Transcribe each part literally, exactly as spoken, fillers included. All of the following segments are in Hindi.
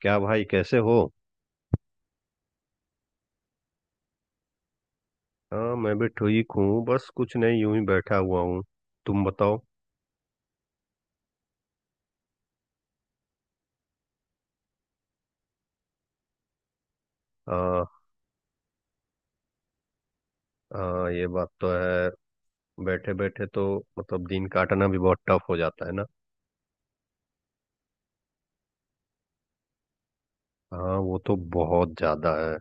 क्या भाई कैसे हो? हाँ, मैं भी ठीक हूँ। बस कुछ नहीं, यूं ही बैठा हुआ हूँ। तुम बताओ। आ, आ, ये बात तो है। बैठे बैठे तो मतलब दिन काटना भी बहुत टफ हो जाता है ना। हाँ, वो तो बहुत ज्यादा है।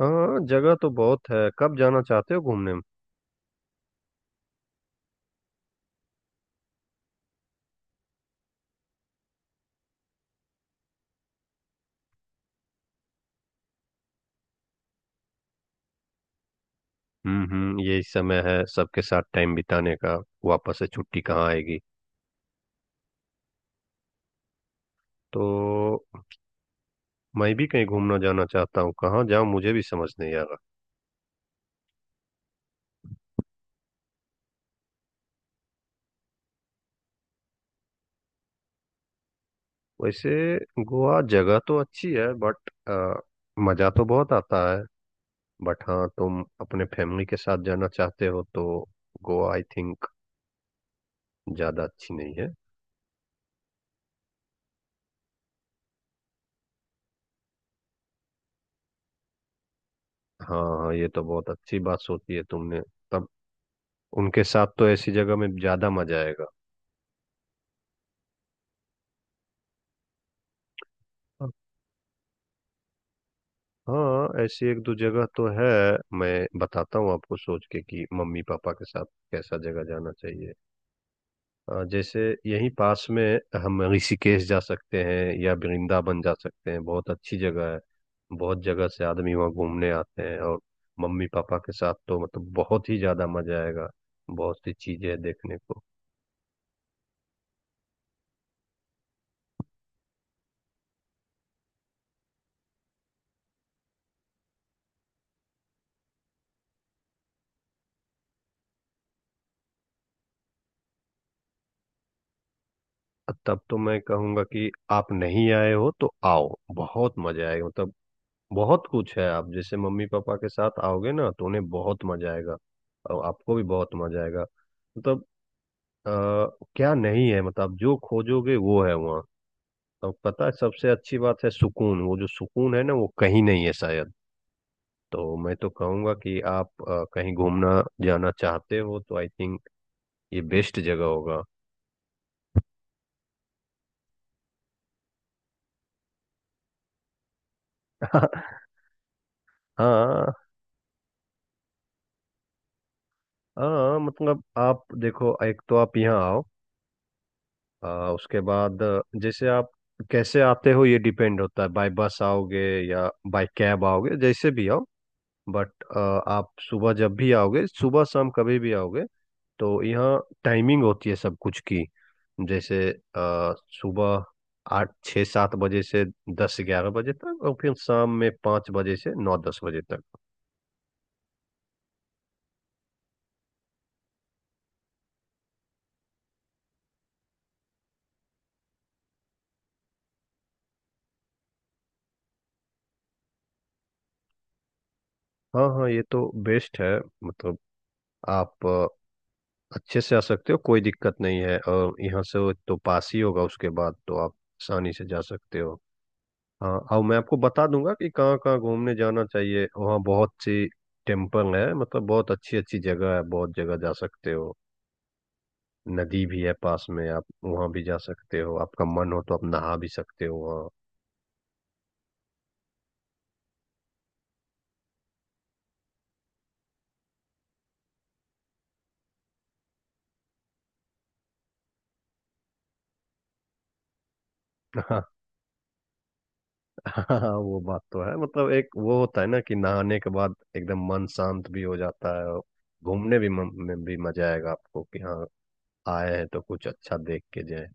हाँ, जगह तो बहुत है। कब जाना चाहते हो घूमने? हम्म, हम्म। यही समय है सबके साथ टाइम बिताने का। वापस से छुट्टी कहाँ आएगी। तो मैं भी कहीं घूमना जाना चाहता हूँ। कहाँ जाऊँ मुझे भी समझ नहीं आ रहा। वैसे गोवा जगह तो अच्छी है, बट मज़ा तो बहुत आता है। बट हाँ, तुम अपने फैमिली के साथ जाना चाहते हो तो गोवा, आई थिंक, ज़्यादा अच्छी नहीं है। हाँ हाँ, ये तो बहुत अच्छी बात सोची है तुमने। तब उनके साथ तो ऐसी जगह में ज़्यादा मज़ा आएगा। हाँ, ऐसी एक दो जगह तो है। मैं बताता हूँ आपको सोच के कि मम्मी पापा के साथ कैसा जगह जाना चाहिए। अ, जैसे, यहीं पास में हम ऋषिकेश जा सकते हैं या वृंदावन जा सकते हैं। बहुत अच्छी जगह है। बहुत जगह से आदमी वहाँ घूमने आते हैं, और मम्मी पापा के साथ तो मतलब बहुत ही ज्यादा मजा आएगा। बहुत सी चीजें हैं देखने को। तब तो मैं कहूँगा कि आप नहीं आए हो तो आओ, बहुत मजा आएगा। मतलब बहुत कुछ है। आप जैसे मम्मी पापा के साथ आओगे ना तो उन्हें बहुत मजा आएगा, और आपको भी बहुत मजा आएगा। मतलब अ, क्या नहीं है! मतलब आप जो खोजोगे वो है वहाँ। तो पता है, सबसे अच्छी बात है सुकून। वो जो सुकून है ना वो कहीं नहीं है शायद। तो मैं तो कहूँगा कि आप अ, कहीं घूमना जाना चाहते हो तो आई थिंक ये बेस्ट जगह होगा। हाँ हाँ, मतलब आप देखो, एक तो आप यहाँ आओ। अ, उसके बाद अ, जैसे आप कैसे आते हो ये डिपेंड होता है। बाय बस आओगे या बाय कैब आओगे, जैसे भी आओ। बट आप सुबह जब भी आओगे, सुबह शाम कभी भी आओगे, तो यहाँ टाइमिंग होती है सब कुछ की। जैसे अ, सुबह आठ छः सात बजे से दस ग्यारह बजे तक, और फिर शाम में पाँच बजे से नौ दस बजे तक। हाँ हाँ, ये तो बेस्ट है। मतलब आप अ, अच्छे से आ सकते हो, कोई दिक्कत नहीं है। और यहाँ से वो तो पास ही होगा, उसके बाद तो आप आसानी से जा सकते हो। हाँ, और मैं आपको बता दूंगा कि कहाँ कहाँ घूमने जाना चाहिए। वहाँ बहुत सी टेम्पल है, मतलब बहुत अच्छी अच्छी जगह है। बहुत जगह जा सकते हो। नदी भी है पास में, आप वहां भी जा सकते हो। आपका मन हो तो आप नहा भी सकते हो वहाँ। हाँ हाँ, वो बात तो है। मतलब एक वो होता है ना कि नहाने के बाद एकदम मन शांत भी हो जाता है, और घूमने भी, मन में भी मजा आएगा आपको कि हाँ, आए हैं तो कुछ अच्छा देख के जाए।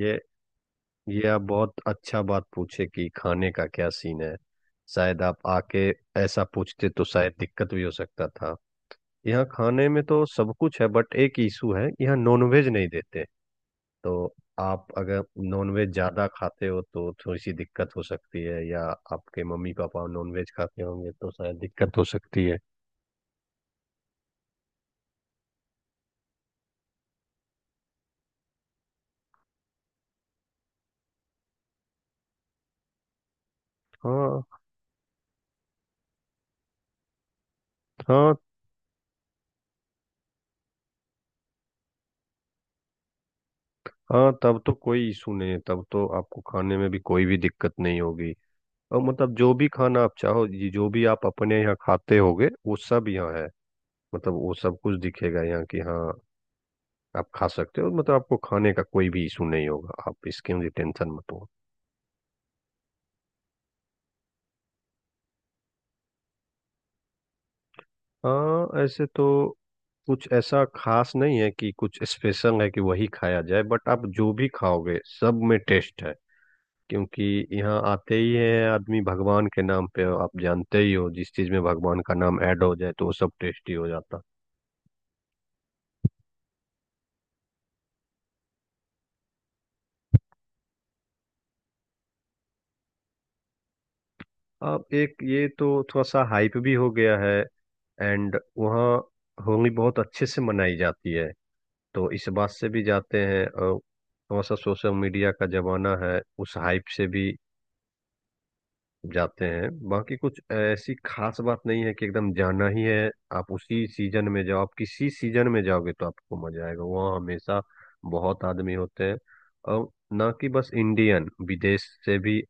ये ये आप बहुत अच्छा बात पूछे कि खाने का क्या सीन है। शायद आप आके ऐसा पूछते तो शायद दिक्कत भी हो सकता था। यहाँ खाने में तो सब कुछ है, बट एक इशू है, यहाँ नॉनवेज नहीं देते। तो आप अगर नॉनवेज ज़्यादा खाते हो तो थोड़ी सी दिक्कत हो सकती है, या आपके मम्मी पापा नॉनवेज खाते होंगे तो शायद दिक्कत हो सकती है। हाँ हाँ हाँ, तब तो कोई इशू नहीं है। तब तो आपको खाने में भी कोई भी दिक्कत नहीं होगी। और मतलब जो भी खाना आप चाहो, ये जो भी आप अपने यहाँ खाते होगे वो सब यहाँ है। मतलब वो सब कुछ दिखेगा यहाँ कि हाँ, आप खा सकते हो। मतलब आपको खाने का कोई भी इशू नहीं होगा, आप इसकी टेंशन मत लो। हाँ ऐसे तो कुछ ऐसा खास नहीं है कि कुछ स्पेशल है कि वही खाया जाए। बट आप जो भी खाओगे सब में टेस्ट है। क्योंकि यहाँ आते ही है आदमी भगवान के नाम पे। आप जानते ही हो, जिस चीज में भगवान का नाम ऐड हो जाए तो वो सब टेस्टी हो जाता। अब एक ये तो थोड़ा सा हाइप भी हो गया है। एंड वहाँ होली बहुत अच्छे से मनाई जाती है, तो इस बात से भी जाते हैं। और थोड़ा सा सोशल मीडिया का जमाना है, उस हाइप से भी जाते हैं। बाकी कुछ ऐसी खास बात नहीं है कि एकदम जाना ही है। आप उसी सीजन में जाओ, आप किसी सीजन में जाओगे तो आपको मजा आएगा। वहाँ हमेशा बहुत आदमी होते हैं, और ना कि बस इंडियन, विदेश से भी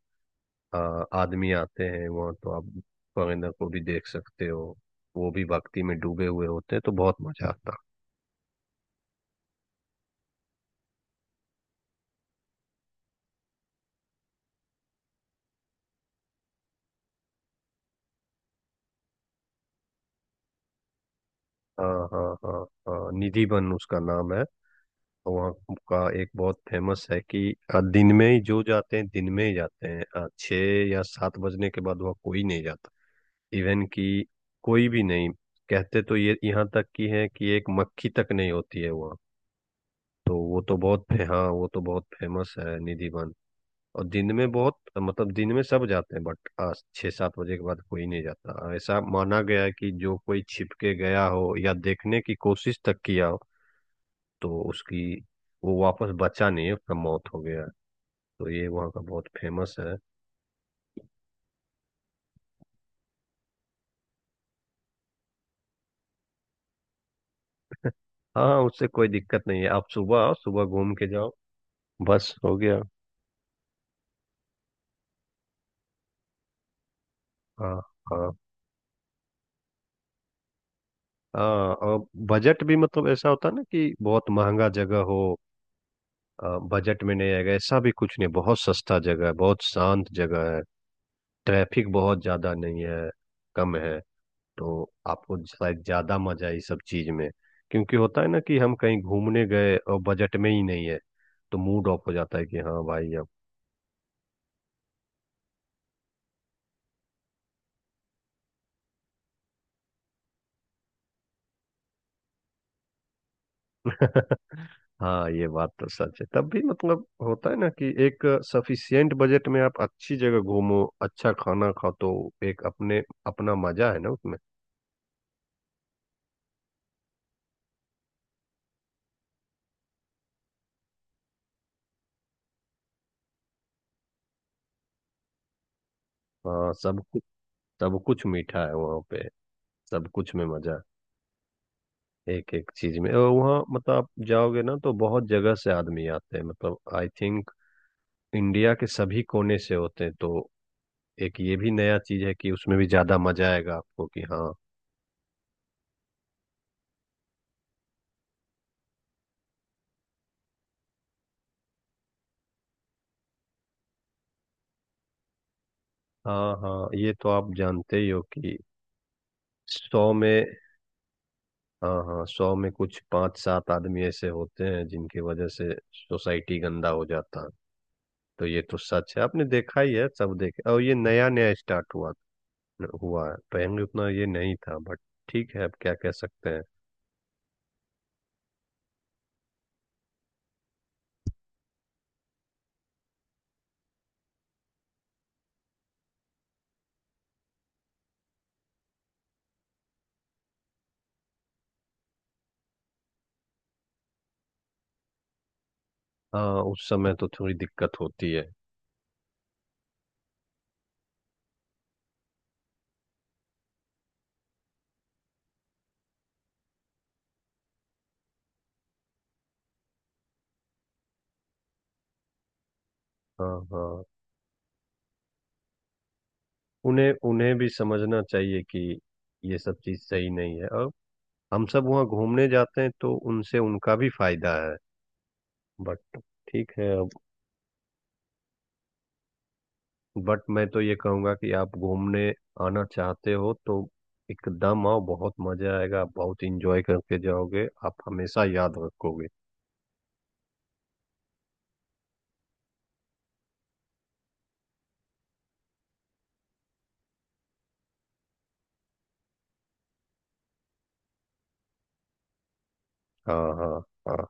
आ, आदमी आते हैं वहाँ। तो आप फॉरेनर को भी देख सकते हो, वो भी भक्ति में डूबे हुए होते हैं, तो बहुत मजा आता है। हाँ हाँ हाँ हाँ, निधिवन उसका नाम है। तो वहाँ का एक बहुत फेमस है कि अ, दिन में ही जो जाते हैं, दिन में ही जाते हैं। अ, छः या सात बजने के बाद वहाँ कोई नहीं जाता। इवन कि कोई भी नहीं। कहते तो ये यहाँ तक की है कि एक मक्खी तक नहीं होती है वहाँ। तो वो तो बहुत फे- हाँ, वो तो बहुत फेमस है निधिवन। और दिन में बहुत, मतलब दिन में सब जाते हैं, बट छः सात बजे के बाद कोई नहीं जाता। ऐसा माना गया है कि जो कोई छिप के गया हो या देखने की कोशिश तक किया हो, तो उसकी, वो वापस बचा नहीं है, उसका मौत हो गया। तो ये वहाँ का बहुत फेमस है। हाँ, उससे कोई दिक्कत नहीं है। आप सुबह आओ, सुबह घूम के जाओ, बस हो गया। हाँ हाँ हाँ। और बजट भी, मतलब ऐसा होता है ना कि बहुत महंगा जगह हो, बजट में नहीं आएगा, ऐसा भी कुछ नहीं। बहुत सस्ता जगह है, बहुत शांत जगह है। ट्रैफिक बहुत ज़्यादा नहीं है, कम है। तो आपको शायद ज्यादा मजा है इस सब चीज में। क्योंकि होता है ना कि हम कहीं घूमने गए और बजट में ही नहीं है, तो मूड ऑफ हो जाता है कि हाँ भाई, अब! हाँ, ये बात तो सच है। तब भी मतलब होता है ना कि एक सफिशियंट बजट में आप अच्छी जगह घूमो, अच्छा खाना खाओ, तो एक अपने अपना मजा है ना उसमें। हाँ, सब कुछ सब कुछ मीठा है वहाँ पे। सब कुछ में मजा है, एक एक चीज में। और वहाँ मतलब आप जाओगे ना तो बहुत जगह से आदमी आते हैं। मतलब आई थिंक इंडिया के सभी कोने से होते हैं। तो एक ये भी नया चीज है, कि उसमें भी ज्यादा मजा आएगा आपको कि हाँ। हाँ हाँ, ये तो आप जानते ही हो कि सौ में, हाँ हाँ, सौ में कुछ पांच सात आदमी ऐसे होते हैं जिनकी वजह से सोसाइटी गंदा हो जाता है। तो ये तो सच है, आपने देखा ही है सब देखे। और ये नया नया स्टार्ट हुआ हुआ है, पहले उतना ये नहीं था। बट ठीक है, अब क्या कह सकते हैं। हाँ, उस समय तो थोड़ी दिक्कत होती है। हाँ हाँ, उन्हें उन्हें भी समझना चाहिए कि ये सब चीज़ सही नहीं है, और हम सब वहाँ घूमने जाते हैं तो उनसे उनका भी फायदा है। बट ठीक है, अब। बट मैं तो ये कहूँगा कि आप घूमने आना चाहते हो तो एकदम आओ। बहुत मजा आएगा, आप बहुत इंजॉय करके जाओगे, आप हमेशा याद रखोगे। हाँ हाँ हाँ,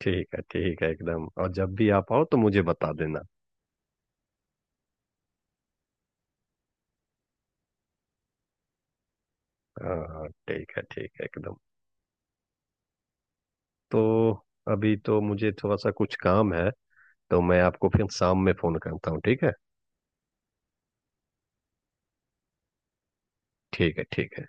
ठीक है ठीक है, एकदम। और जब भी आप आओ तो मुझे बता देना। हाँ हाँ, ठीक है ठीक है, एकदम। तो अभी तो मुझे थोड़ा सा कुछ काम है, तो मैं आपको फिर शाम में फोन करता हूँ। ठीक है? ठीक है, ठीक है।